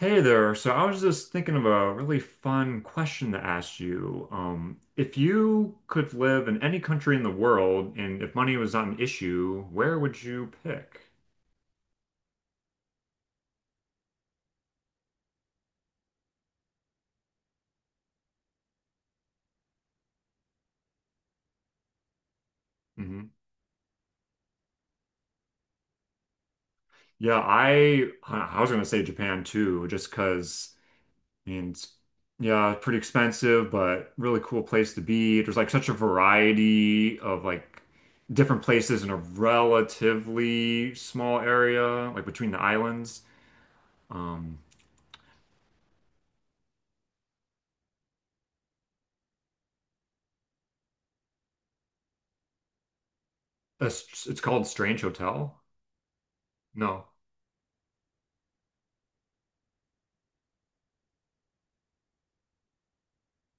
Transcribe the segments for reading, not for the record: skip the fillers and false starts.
Hey there. So I was just thinking of a really fun question to ask you. If you could live in any country in the world and if money was not an issue, where would you pick? Hmm. Yeah, I was gonna say Japan too, just because I mean, yeah, it's pretty expensive, but really cool place to be. There's like such a variety of like different places in a relatively small area, like between the islands. Um, A it's called Strange Hotel? No.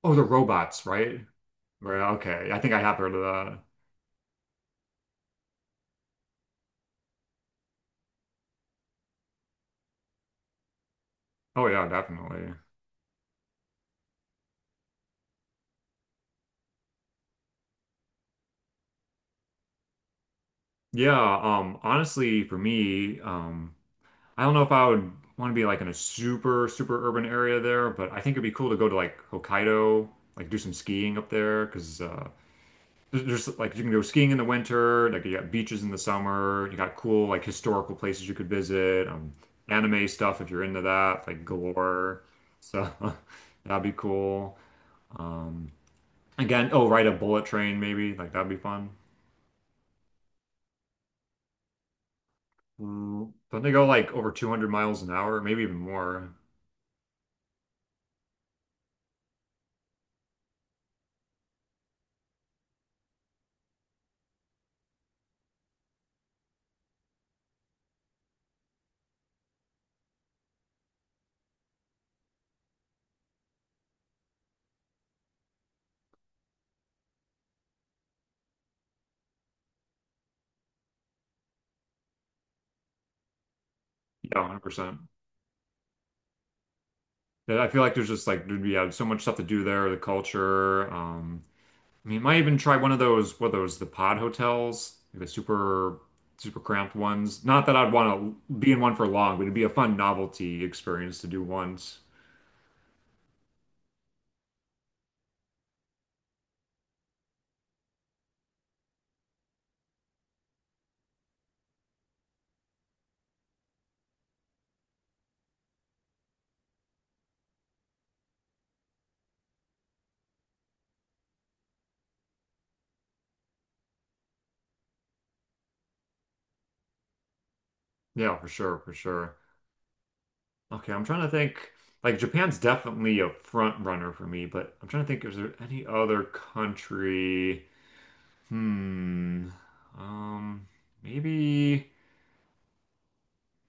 Oh, the robots, right? Right, okay. I think I have heard of that. Oh yeah, definitely. Yeah, honestly, for me, I don't know if I would want to be like in a super, super urban area there, but I think it'd be cool to go to like Hokkaido, like do some skiing up there, because there's like you can go skiing in the winter, like you got beaches in the summer, you got cool like historical places you could visit, anime stuff if you're into that, like galore. So that'd be cool. Um, again, oh, ride a bullet train maybe, like that'd be fun. Mm. Don't they go like over 200 miles an hour, maybe even more? Yeah, 100%. Yeah, I feel like there's just like there'd be yeah, so much stuff to do there, the culture, I mean, you might even try one of those, what are those, the pod hotels, the super, super cramped ones. Not that I'd want to be in one for long, but it'd be a fun novelty experience to do once. Yeah, for sure, for sure. Okay, I'm trying to think. Like Japan's definitely a front runner for me, but I'm trying to think, is there any other country? Hmm. Um, maybe.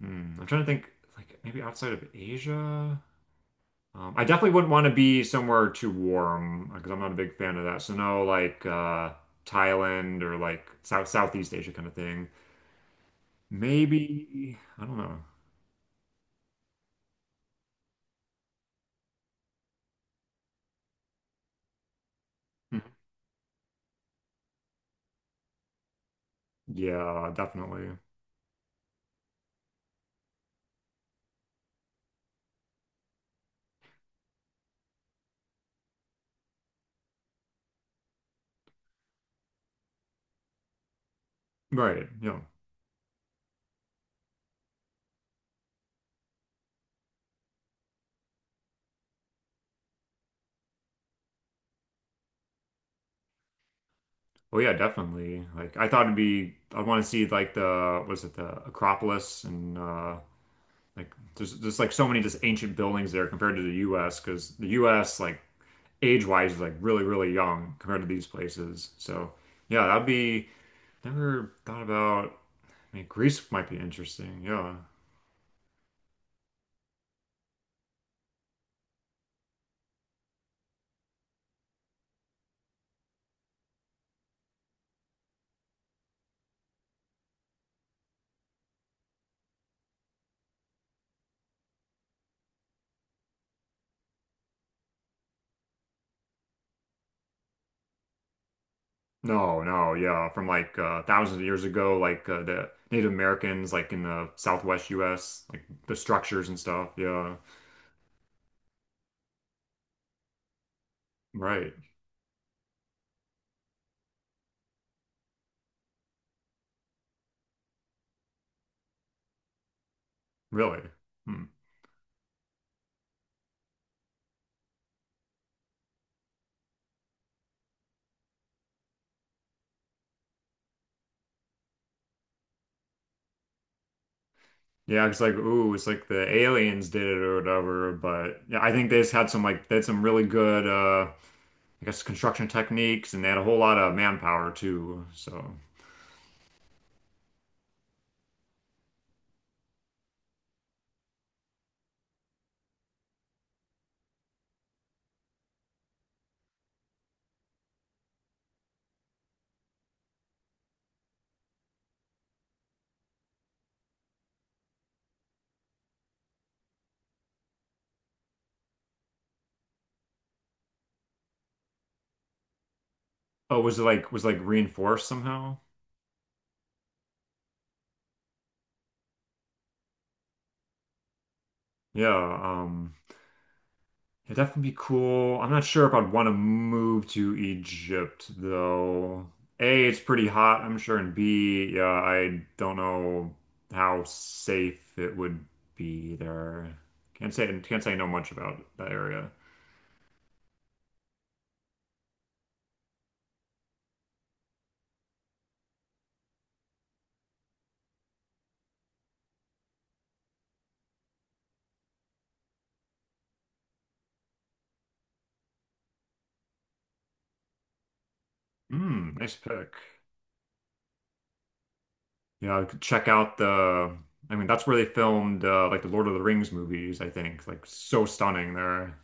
Hmm. I'm trying to think, like maybe outside of Asia. I definitely wouldn't want to be somewhere too warm because I'm not a big fan of that. So no, like Thailand or like South Southeast Asia kind of thing. Maybe I don't know. Mhm. Yeah, definitely. Right. Yeah. Oh yeah, definitely. Like I thought it'd be. I want to see like the was it the Acropolis and like there's like so many just ancient buildings there compared to the U.S. because the U.S. like age-wise is like really really young compared to these places. So. Yeah, that'd be. Never thought about. I mean, Greece might be interesting. Yeah. No, no, yeah. From like thousands of years ago, like the Native Americans, like in the Southwest U.S., like the structures and stuff. Yeah. Right. Really. Hmm. Yeah, it's like, ooh, it's like the aliens did it or whatever. But yeah, I think they just had some like they had some really good, I guess, construction techniques, and they had a whole lot of manpower too. So, oh, was it like reinforced somehow? Yeah. um, It'd definitely be cool. I'm not sure if I'd want to move to Egypt though. A, it's pretty hot, I'm sure, and B, yeah, I don't know how safe it would be there. Can't say I know much about that area. Hmm, nice pick. Yeah, I could check out the. I mean, that's where they filmed like the Lord of the Rings movies, I think. Like so stunning there.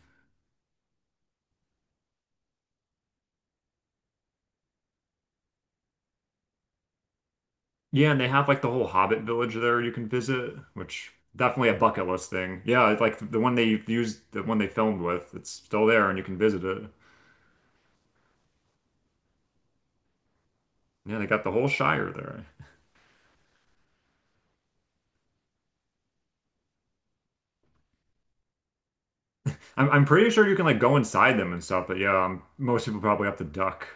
Yeah, and they have like the whole Hobbit village there you can visit, which definitely a bucket list thing. Yeah, it's like the one they used, the one they filmed with, it's still there and you can visit it. Yeah, they got the whole Shire there. I'm pretty sure you can like go inside them and stuff, but yeah, most people probably have to duck.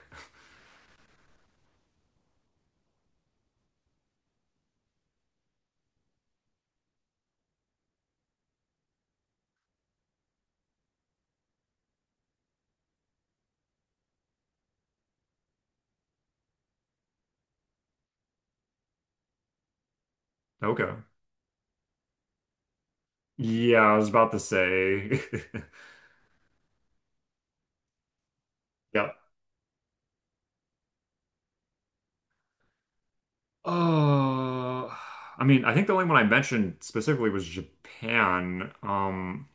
Okay. Yeah, I was about to say. Yeah. Oh, I mean, I think the only one I mentioned specifically was Japan.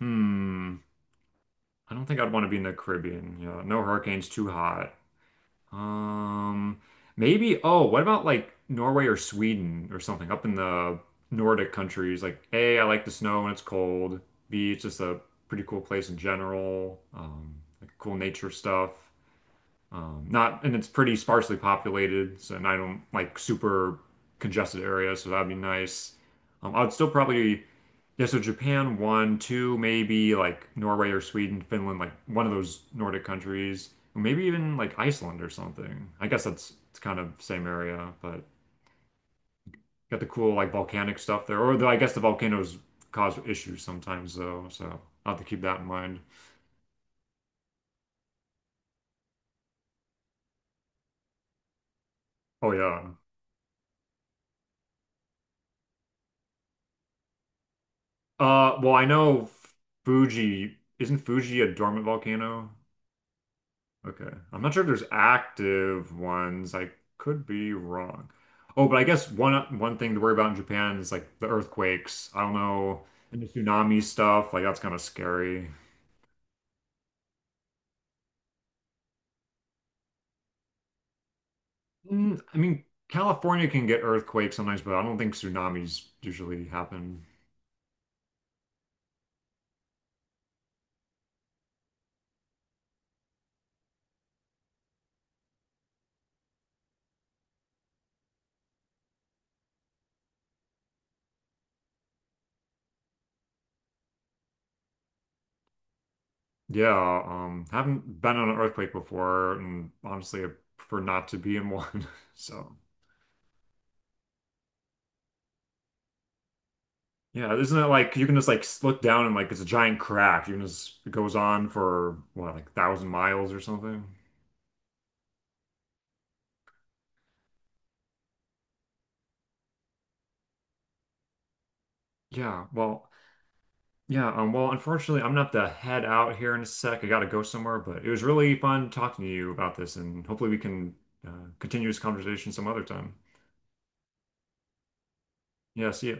hmm. I don't think I'd want to be in the Caribbean. Yeah, no hurricanes, too hot. Um, oh, what about like Norway or Sweden or something up in the Nordic countries? Like, A, I like the snow when it's cold. B, it's just a pretty cool place in general. Like cool nature stuff. Not, and it's pretty sparsely populated, so and I don't like super congested areas, so that'd be nice. I'd still probably yeah, so Japan one, two, maybe like Norway or Sweden, Finland, like one of those Nordic countries, or maybe even like Iceland or something. I guess that's it's kind of same area, but got the cool like volcanic stuff there. Or though I guess the volcanoes cause issues sometimes though, so I'll have to keep that in mind. Oh yeah. Well, I know Fuji, isn't Fuji a dormant volcano? Okay. I'm not sure if there's active ones. I could be wrong. Oh, but I guess one thing to worry about in Japan is like the earthquakes. I don't know, and the tsunami stuff. Like that's kind of scary. Mm, I mean, California can get earthquakes sometimes, but I don't think tsunamis usually happen. Yeah, haven't been on an earthquake before, and honestly, I prefer not to be in one. So. Yeah, isn't it like you can just like look down and like it's a giant crack. You can just it goes on for what like thousand miles or something. Yeah, well, yeah, well, unfortunately, I'm gonna have to head out here in a sec. I gotta go somewhere, but it was really fun talking to you about this, and hopefully we can uh, continue this conversation some other time. Yeah, see ya.